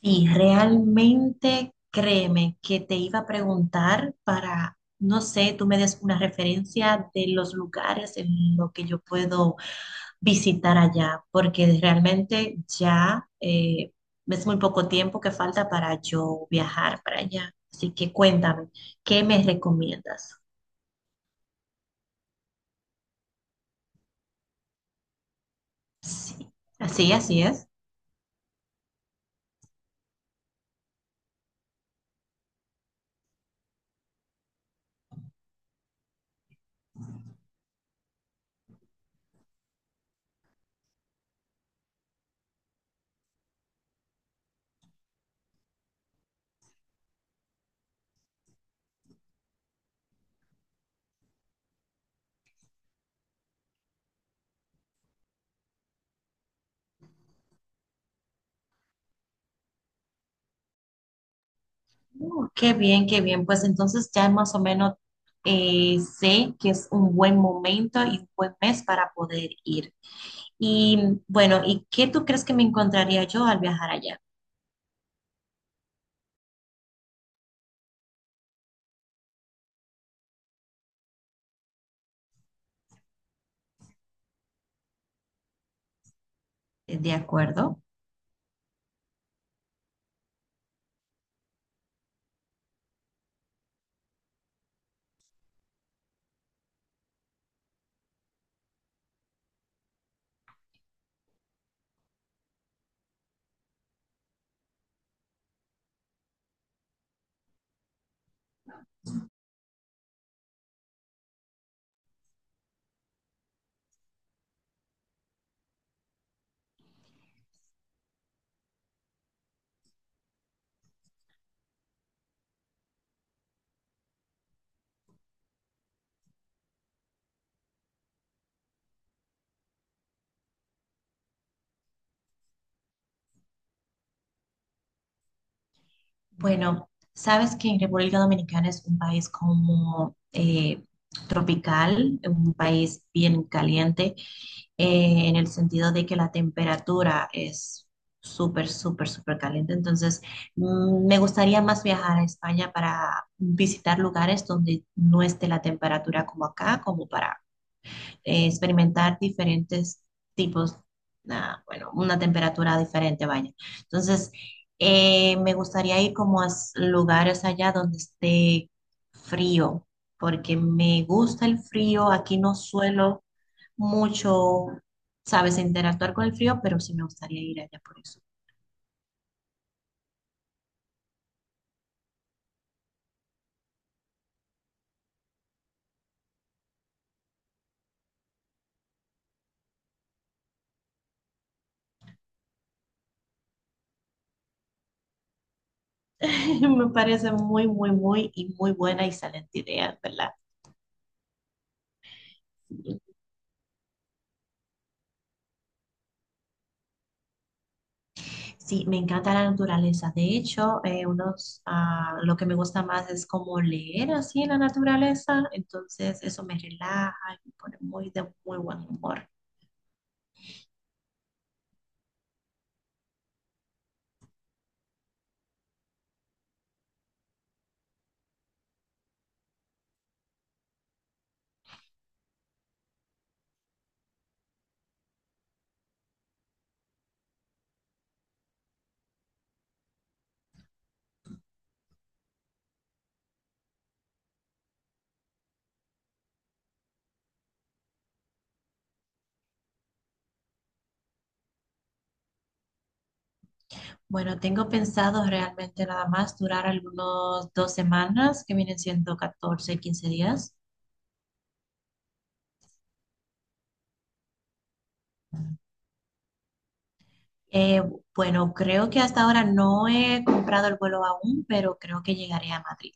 Y realmente créeme que te iba a preguntar para, no sé, tú me des una referencia de los lugares en los que yo puedo visitar allá, porque realmente ya es muy poco tiempo que falta para yo viajar para allá. Así que cuéntame, ¿qué me recomiendas? Sí, así es. Oh, qué bien, qué bien. Pues entonces ya más o menos sé que es un buen momento y un buen mes para poder ir. Y bueno, ¿y qué tú crees que me encontraría yo al viajar allá? ¿De acuerdo? Bueno, sabes que en República Dominicana es un país como tropical, un país bien caliente, en el sentido de que la temperatura es súper, súper, súper caliente. Entonces, me gustaría más viajar a España para visitar lugares donde no esté la temperatura como acá, como para experimentar diferentes tipos, bueno, una temperatura diferente, vaya. Entonces, me gustaría ir como a lugares allá donde esté frío, porque me gusta el frío. Aquí no suelo mucho, sabes, interactuar con el frío, pero sí me gustaría ir allá por eso. Me parece muy, muy, muy y muy buena y excelente idea, ¿verdad? Sí, me encanta la naturaleza. De hecho, lo que me gusta más es como leer así en la naturaleza. Entonces, eso me relaja y me pone muy de muy buen humor. Bueno, tengo pensado realmente nada más durar algunos 2 semanas, que vienen siendo 14 15 días. Eh, bueno, creo que hasta ahora no he comprado el vuelo aún, pero creo que llegaré a Madrid.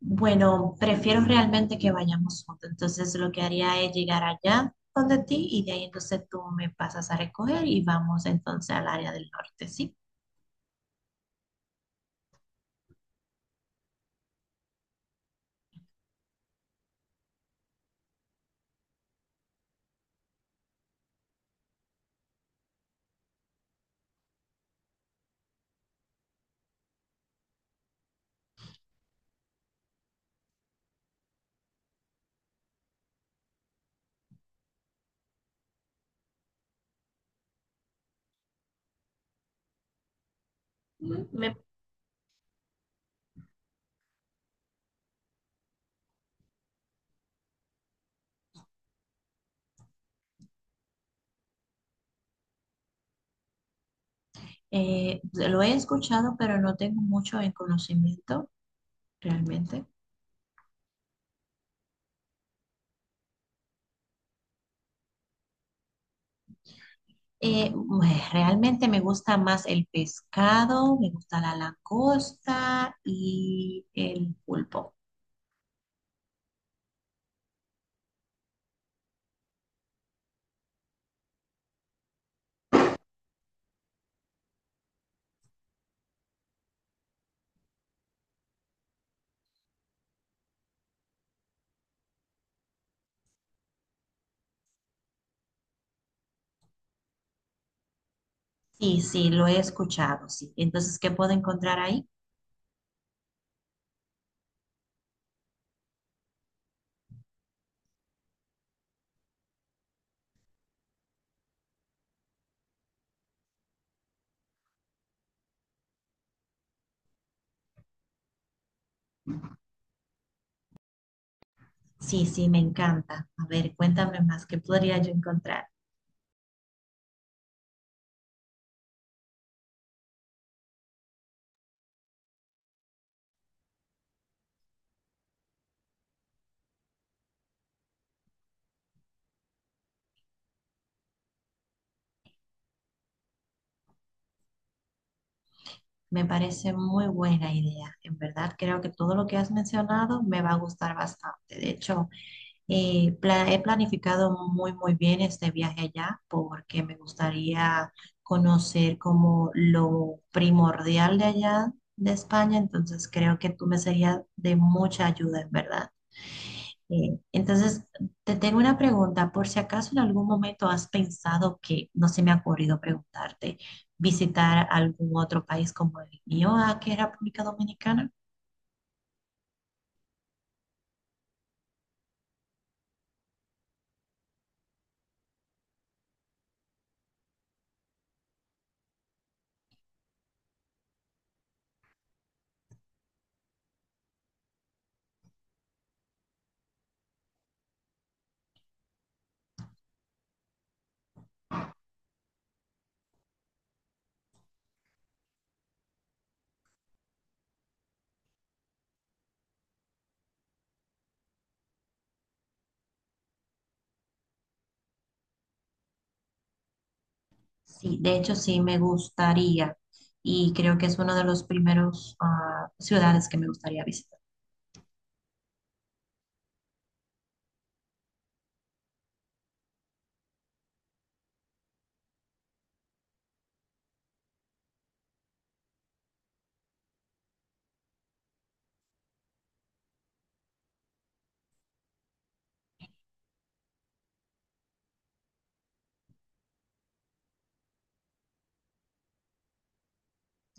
Bueno, prefiero realmente que vayamos juntos. Entonces lo que haría es llegar allá donde ti y de ahí entonces tú me pasas a recoger y vamos entonces al área del norte, ¿sí? Mm, Me, lo he escuchado, pero no tengo mucho en conocimiento realmente. Realmente me gusta más el pescado, me gusta la langosta y el pulpo. Sí, sí, lo he escuchado, sí. Entonces, ¿qué puedo encontrar ahí? Sí, sí, me encanta. A ver, cuéntame más, ¿qué podría yo encontrar? Me parece muy buena idea. En verdad, creo que todo lo que has mencionado me va a gustar bastante. De hecho, he planificado muy, muy bien este viaje allá porque me gustaría conocer como lo primordial de allá de España. Entonces, creo que tú me serías de mucha ayuda, en verdad. Eh, entonces, te tengo una pregunta. Por si acaso en algún momento has pensado que, no se me ha ocurrido preguntarte, visitar algún otro país como el mío, que es República Dominicana. Sí, de hecho sí me gustaría y creo que es uno de los primeros ciudades que me gustaría visitar.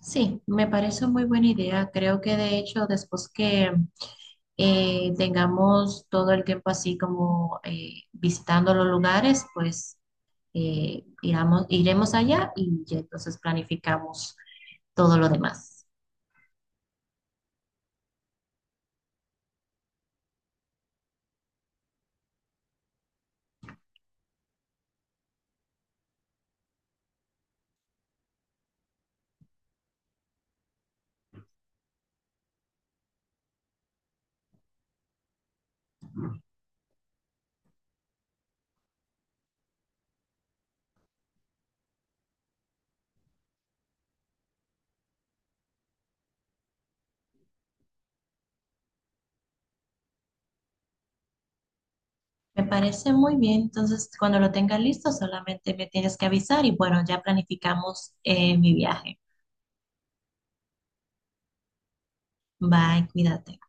Sí, me parece muy buena idea. Creo que de hecho después que tengamos todo el tiempo así como visitando los lugares, pues iremos allá y ya entonces planificamos todo lo demás. Me parece muy bien. Entonces, cuando lo tenga listo, solamente me tienes que avisar y bueno, ya planificamos mi viaje. Bye, cuídate.